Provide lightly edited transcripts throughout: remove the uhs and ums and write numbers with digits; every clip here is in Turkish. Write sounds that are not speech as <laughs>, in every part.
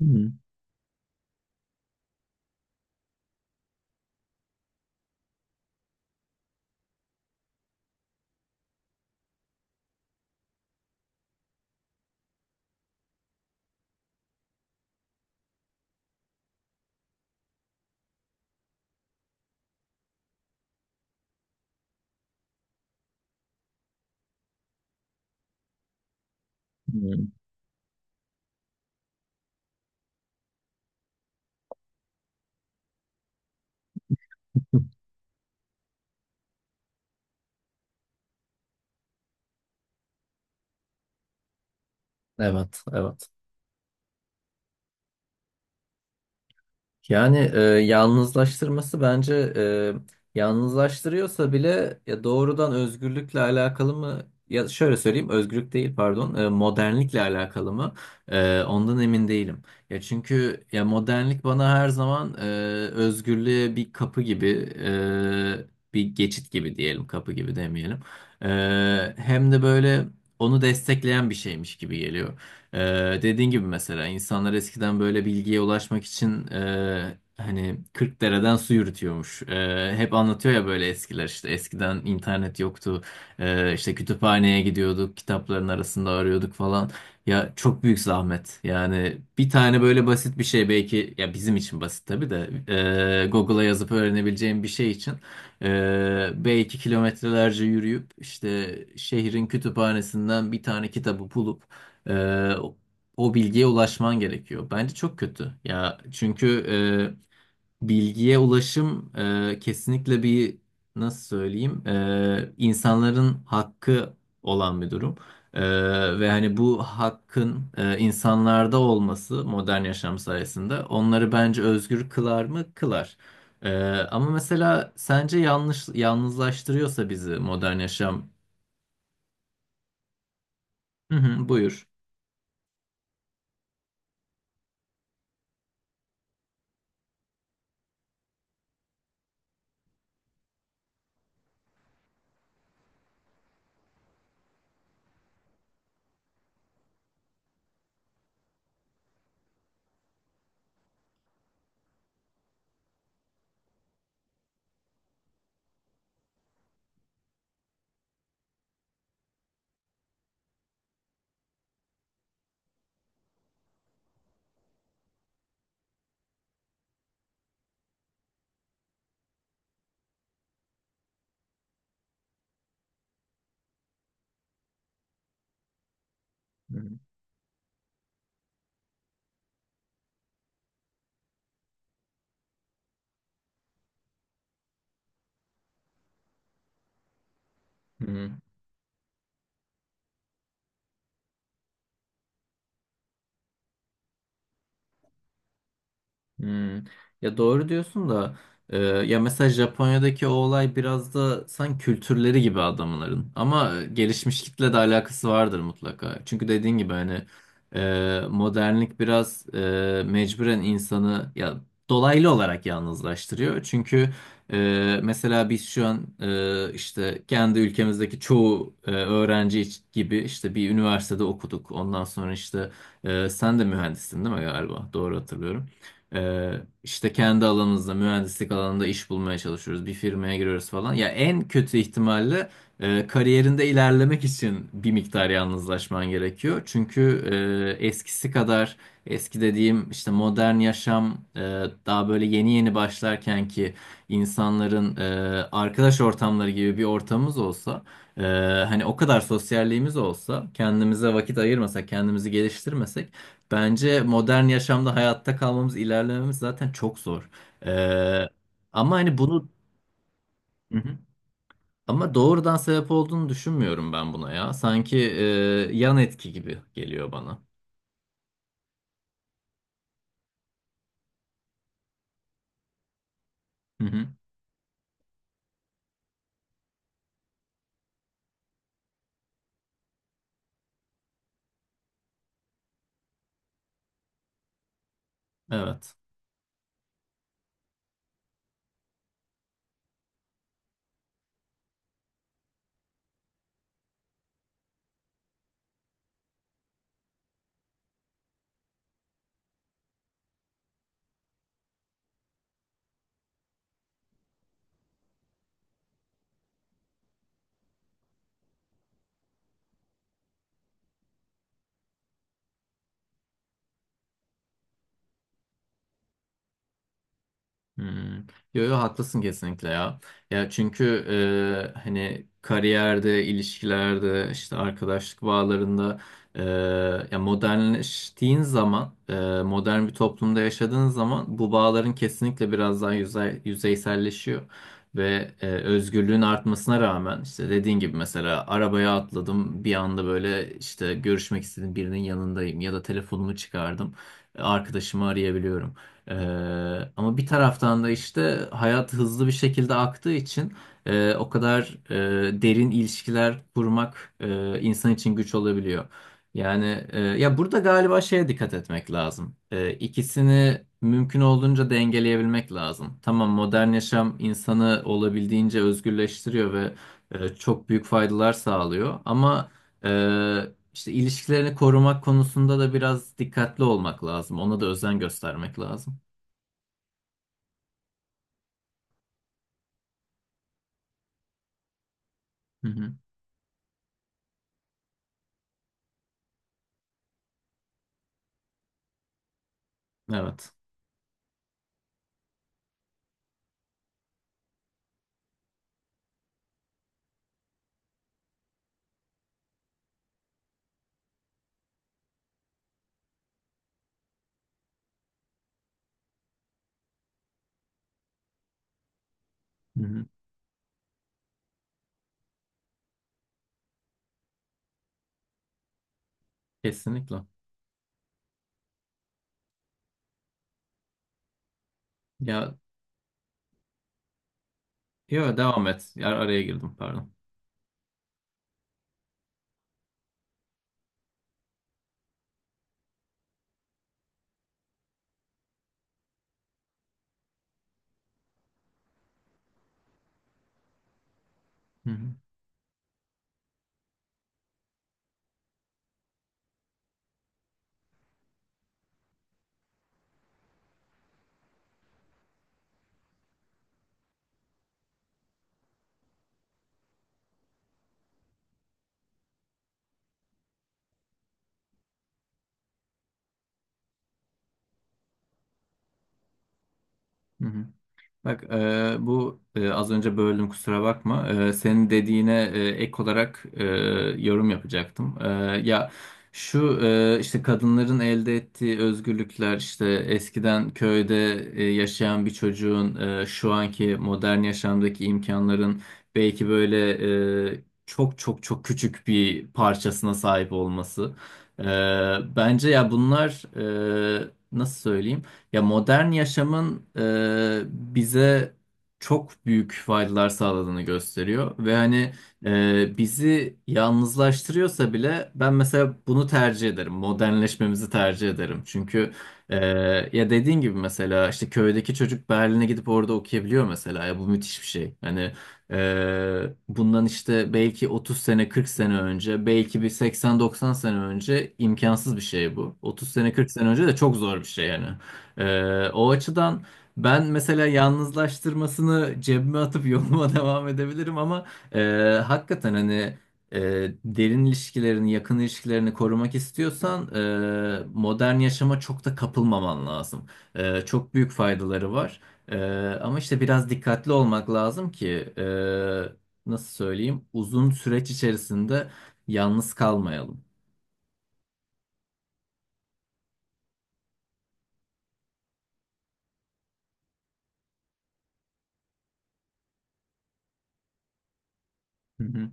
Hı hı. Hı. Evet, evet. Yani yalnızlaştırması bence yalnızlaştırıyorsa bile ya doğrudan özgürlükle alakalı mı? Ya şöyle söyleyeyim, özgürlük değil pardon, modernlikle alakalı mı? Ondan emin değilim. Ya çünkü ya modernlik bana her zaman özgürlüğe bir kapı gibi, bir geçit gibi diyelim, kapı gibi demeyelim. E, Hem de böyle onu destekleyen bir şeymiş gibi geliyor. Dediğin gibi mesela insanlar eskiden böyle bilgiye ulaşmak için hani 40 dereden su yürütüyormuş. Hep anlatıyor ya böyle eskiler, işte eskiden internet yoktu. İşte kütüphaneye gidiyorduk, kitapların arasında arıyorduk falan. Ya çok büyük zahmet. Yani bir tane böyle basit bir şey, belki ya bizim için basit tabii de Google'a yazıp öğrenebileceğim bir şey için belki kilometrelerce yürüyüp işte şehrin kütüphanesinden bir tane kitabı bulup o bilgiye ulaşman gerekiyor. Bence çok kötü. Ya çünkü bilgiye ulaşım kesinlikle bir, nasıl söyleyeyim, insanların hakkı olan bir durum. E, Ve hani bu hakkın insanlarda olması modern yaşam sayesinde onları bence özgür kılar mı? Kılar. Ama mesela sence yanlış yalnızlaştırıyorsa bizi modern yaşam? Hı hı, buyur. Hı hı. Hmm. Ya doğru diyorsun da ya mesela Japonya'daki o olay biraz da sanki kültürleri gibi adamların, ama gelişmiş kitle de alakası vardır mutlaka. Çünkü dediğin gibi hani modernlik biraz mecburen insanı ya dolaylı olarak yalnızlaştırıyor. Çünkü mesela biz şu an işte kendi ülkemizdeki çoğu öğrenci gibi işte bir üniversitede okuduk. Ondan sonra işte sen de mühendissin değil mi galiba? Doğru hatırlıyorum. Ee, işte kendi alanımızda, mühendislik alanında iş bulmaya çalışıyoruz. Bir firmaya giriyoruz falan. Ya en kötü ihtimalle kariyerinde ilerlemek için bir miktar yalnızlaşman gerekiyor. Çünkü eskisi kadar, eski dediğim işte modern yaşam daha böyle yeni yeni başlarken ki insanların arkadaş ortamları gibi bir ortamımız olsa, e, hani o kadar sosyalliğimiz olsa, kendimize vakit ayırmasak, kendimizi geliştirmesek, bence modern yaşamda hayatta kalmamız, ilerlememiz zaten çok zor. Ee, Ama hani bunu, Hı hı, ama doğrudan sebep olduğunu düşünmüyorum ben buna ya. Sanki yan etki gibi geliyor bana. Hı hı. Evet. Hmm. Yo yo, haklısın kesinlikle ya. Ya çünkü hani kariyerde, ilişkilerde, işte arkadaşlık bağlarında, e, ya modernleştiğin zaman, modern bir toplumda yaşadığın zaman bu bağların kesinlikle biraz daha yüzeyselleşiyor. Ve özgürlüğün artmasına rağmen, işte dediğin gibi mesela arabaya atladım bir anda, böyle işte görüşmek istediğim birinin yanındayım ya da telefonumu çıkardım, arkadaşımı arayabiliyorum. Ama bir taraftan da işte hayat hızlı bir şekilde aktığı için o kadar derin ilişkiler kurmak insan için güç olabiliyor. Yani ya burada galiba şeye dikkat etmek lazım. İkisini mümkün olduğunca dengeleyebilmek lazım. Tamam, modern yaşam insanı olabildiğince özgürleştiriyor ve çok büyük faydalar sağlıyor. Ama e, işte ilişkilerini korumak konusunda da biraz dikkatli olmak lazım. Ona da özen göstermek lazım. Hı hı. Evet. Hı hı. Kesinlikle. Ya, yo, devam et. Ya, araya girdim, pardon. Hı hı. Hı hı. Bak bu az önce böldüm, kusura bakma. Senin dediğine ek olarak yorum yapacaktım. Ya şu işte kadınların elde ettiği özgürlükler, işte eskiden köyde yaşayan bir çocuğun şu anki modern yaşamdaki imkanların belki böyle çok çok çok küçük bir parçasına sahip olması. E, Bence ya bunlar, nasıl söyleyeyim? Ya modern yaşamın bize çok büyük faydalar sağladığını gösteriyor ve hani bizi yalnızlaştırıyorsa bile ben mesela bunu tercih ederim. Modernleşmemizi tercih ederim. Çünkü e, ya dediğin gibi mesela işte köydeki çocuk Berlin'e gidip orada okuyabiliyor mesela. Ya bu müthiş bir şey. Hani e, bundan işte belki 30 sene 40 sene önce, belki bir 80-90 sene önce imkansız bir şey bu. 30 sene 40 sene önce de çok zor bir şey yani. O açıdan ben mesela yalnızlaştırmasını cebime atıp yoluma <laughs> devam edebilirim, ama e, hakikaten hani derin ilişkilerini, yakın ilişkilerini korumak istiyorsan, modern yaşama çok da kapılmaman lazım. Çok büyük faydaları var. E, Ama işte biraz dikkatli olmak lazım ki e, nasıl söyleyeyim, uzun süreç içerisinde yalnız kalmayalım. Hı hı.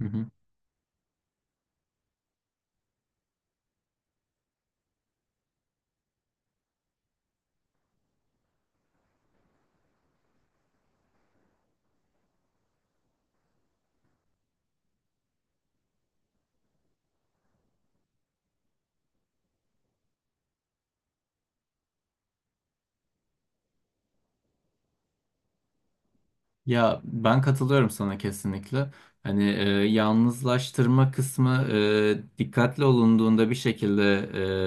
Hı hı. Ya ben katılıyorum sana kesinlikle. Hani yalnızlaştırma kısmı dikkatli olunduğunda bir şekilde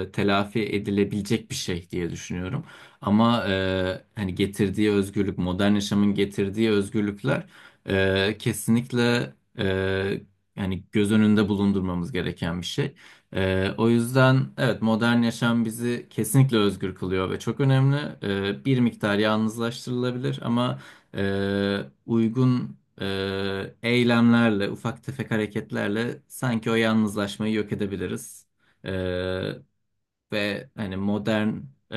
telafi edilebilecek bir şey diye düşünüyorum. Ama hani getirdiği özgürlük, modern yaşamın getirdiği özgürlükler kesinlikle, yani göz önünde bulundurmamız gereken bir şey. O yüzden evet, modern yaşam bizi kesinlikle özgür kılıyor ve çok önemli. Bir miktar yalnızlaştırılabilir ama e, uygun eylemlerle, ufak tefek hareketlerle sanki o yalnızlaşmayı yok edebiliriz. E, Ve hani modern e,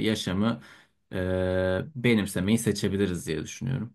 yaşamı benimsemeyi seçebiliriz diye düşünüyorum.